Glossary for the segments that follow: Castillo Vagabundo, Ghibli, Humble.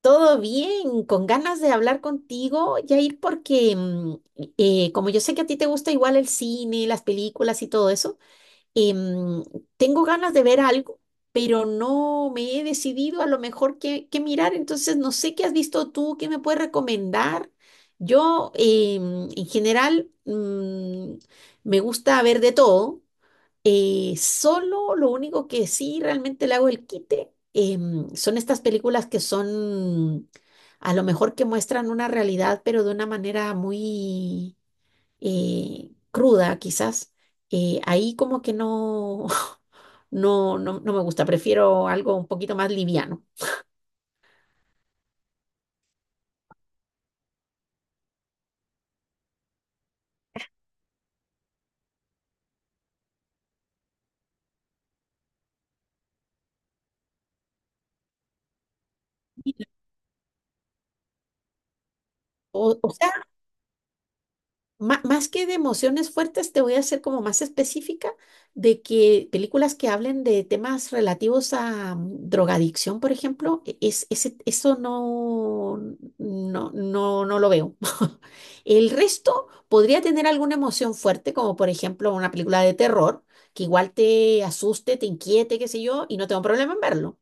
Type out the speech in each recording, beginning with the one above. Todo bien, con ganas de hablar contigo, Jair, porque como yo sé que a ti te gusta igual el cine, las películas y todo eso, eh, mm, tengo ganas de ver algo, pero no me he decidido a lo mejor qué mirar, entonces no sé qué has visto tú, qué me puedes recomendar. Yo, en general, me gusta ver de todo, solo lo único que sí realmente le hago el quite son estas películas que son a lo mejor que muestran una realidad, pero de una manera muy cruda, quizás. Ahí como que no, no, no, no me gusta, prefiero algo un poquito más liviano. O sea, más que de emociones fuertes, te voy a hacer como más específica de que películas que hablen de temas relativos a drogadicción, por ejemplo, eso no, no, no, no lo veo. El resto podría tener alguna emoción fuerte, como por ejemplo una película de terror, que igual te asuste, te inquiete, qué sé yo, y no tengo problema en verlo.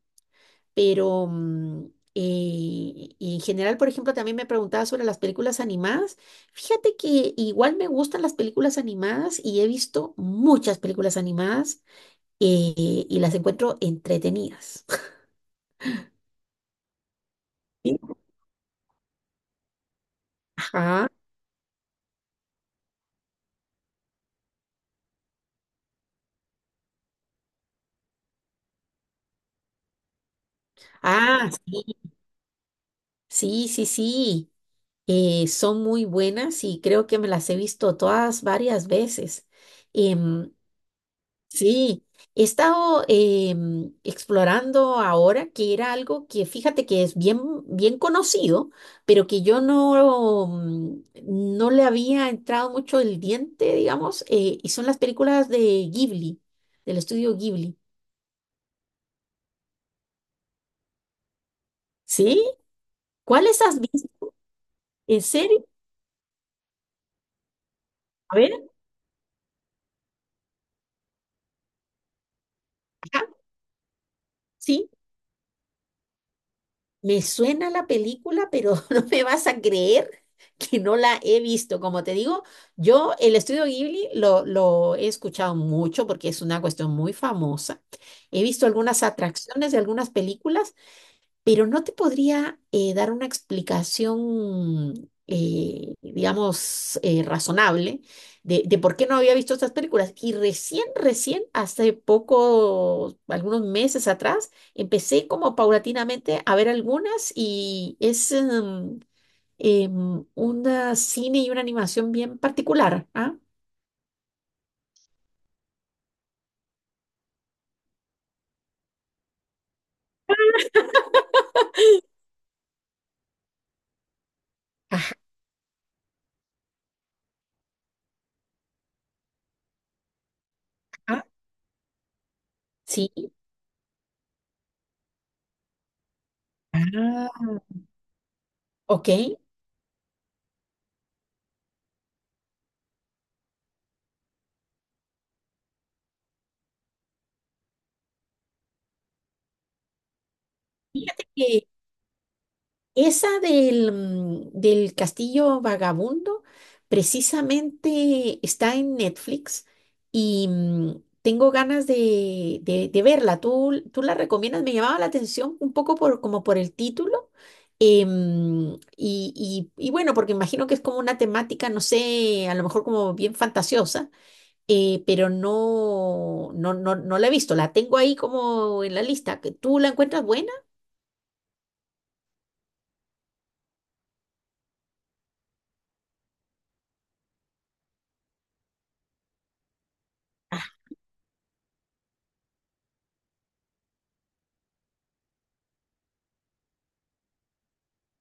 Pero en general, por ejemplo, también me preguntaba sobre las películas animadas. Fíjate que igual me gustan las películas animadas y he visto muchas películas animadas eh, y las encuentro entretenidas. Sí. Ajá. Ah, sí, sí, sí, sí. Son muy buenas y creo que me las he visto todas varias veces. Em, Sí, he estado explorando ahora que era algo que fíjate que es bien, bien conocido, pero que yo no le había entrado mucho el diente, digamos, y son las películas de Ghibli, del estudio Ghibli. ¿Sí? ¿Cuáles has visto? ¿En serio? A ver, ajá, sí. Me suena la película, pero no me vas a creer que no la he visto. Como te digo, yo el estudio Ghibli lo he escuchado mucho porque es una cuestión muy famosa. He visto algunas atracciones de algunas películas, pero no te podría dar una explicación, digamos, razonable de por qué no había visto estas películas. Y recién, recién, hace poco, algunos meses atrás, empecé como paulatinamente a ver algunas y es un cine y una animación bien particular. ¿Ah? Ajá, sí. Ah, ok. Esa del Castillo Vagabundo precisamente está en Netflix y tengo ganas de verla. ¿Tú la recomiendas? Me llamaba la atención un poco por, como por el título. Y bueno, porque imagino que es como una temática, no sé, a lo mejor como bien fantasiosa, pero no, no, no, no la he visto. La tengo ahí como en la lista. ¿Tú la encuentras buena?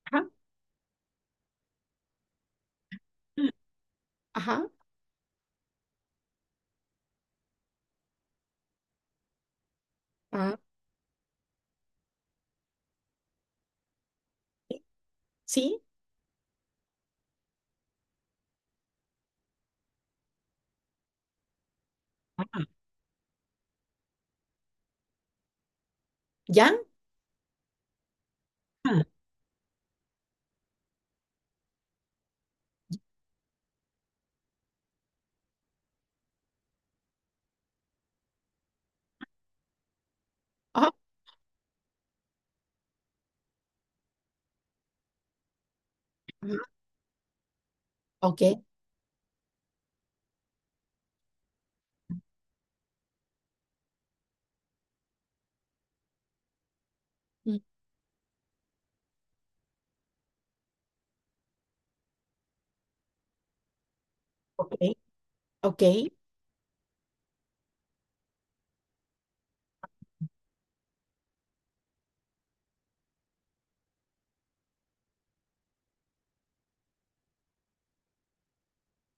Ajá, ajá. Ah. ¿Sí? ¿Ya? Ah, ¿ya? Ah, ah, ok, mm, ok, ok.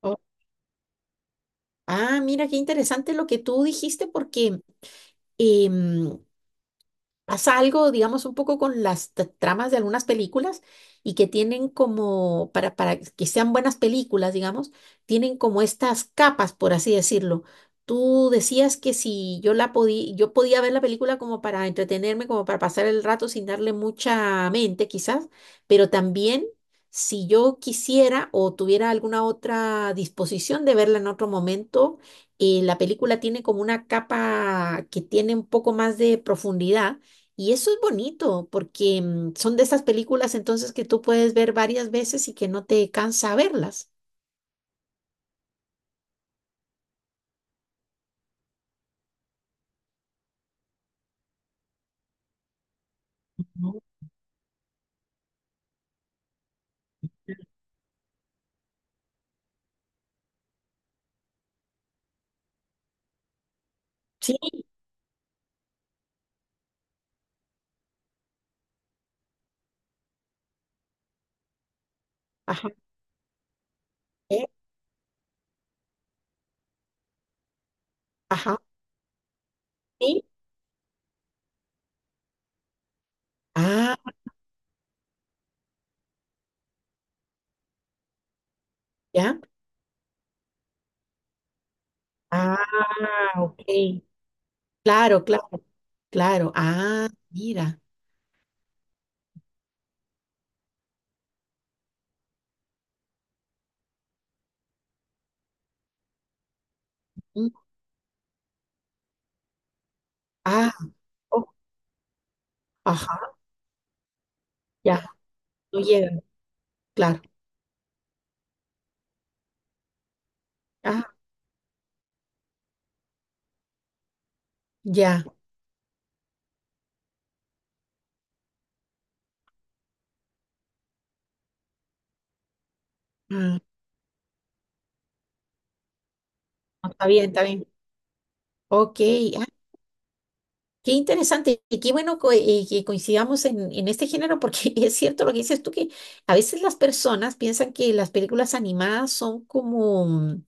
Oh. Ah, mira, qué interesante lo que tú dijiste porque em, pasa algo, digamos, un poco con las tramas de algunas películas y que tienen como, para que sean buenas películas, digamos, tienen como estas capas, por así decirlo. Tú decías que si yo la podía, yo podía ver la película como para entretenerme, como para pasar el rato sin darle mucha mente, quizás, pero también si yo quisiera o tuviera alguna otra disposición de verla en otro momento, la película tiene como una capa que tiene un poco más de profundidad y eso es bonito porque son de esas películas entonces que tú puedes ver varias veces y que no te cansa verlas. No. Sí, ajá, eh, ajá, sí, ah, ya, ah, ok, claro, claro, claro, ah, mira, mm, ah, oh, ajá, ya, no llega, claro, ah, ya, mm, no, está bien, ok. Qué interesante y qué bueno que coincidamos en este género porque es cierto lo que dices tú, que a veces las personas piensan que las películas animadas son como,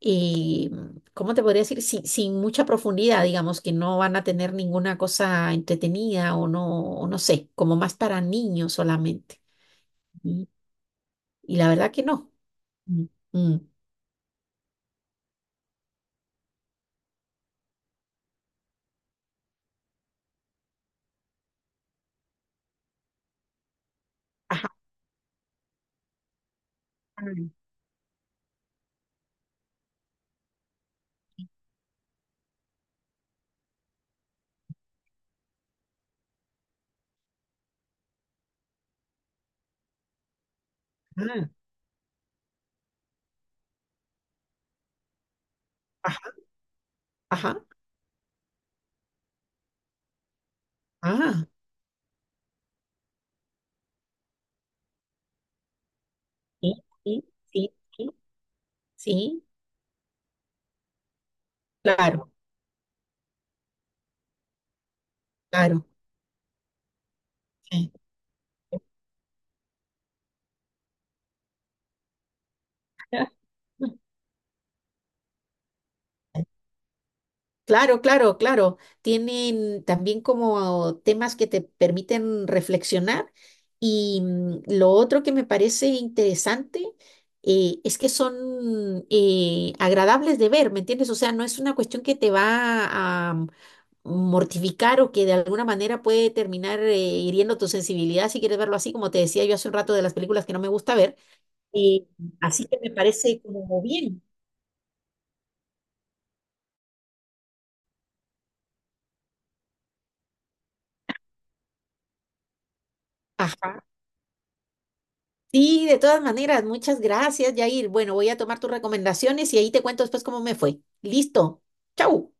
eh, ¿cómo te podría decir? Sin mucha profundidad, digamos, que no van a tener ninguna cosa entretenida o no sé, como más para niños solamente. Y, y la verdad que no. Mm, mm. Ajá. Ajá. Ajá. Ajá. Ah, sí, sí, sí, sí, sí, claro, claro. Sí. Claro, claro, claro. Tienen también como temas que te permiten reflexionar y lo otro que me parece interesante es que son agradables de ver, ¿me entiendes? O sea, no es una cuestión que te va a mortificar o que de alguna manera puede terminar hiriendo tu sensibilidad si quieres verlo así, como te decía yo hace un rato de las películas que no me gusta ver. Eh, así que me parece como bien. Ajá. Sí, de todas maneras, muchas gracias, Yair. Bueno, voy a tomar tus recomendaciones y ahí te cuento después cómo me fue. Listo. Chau.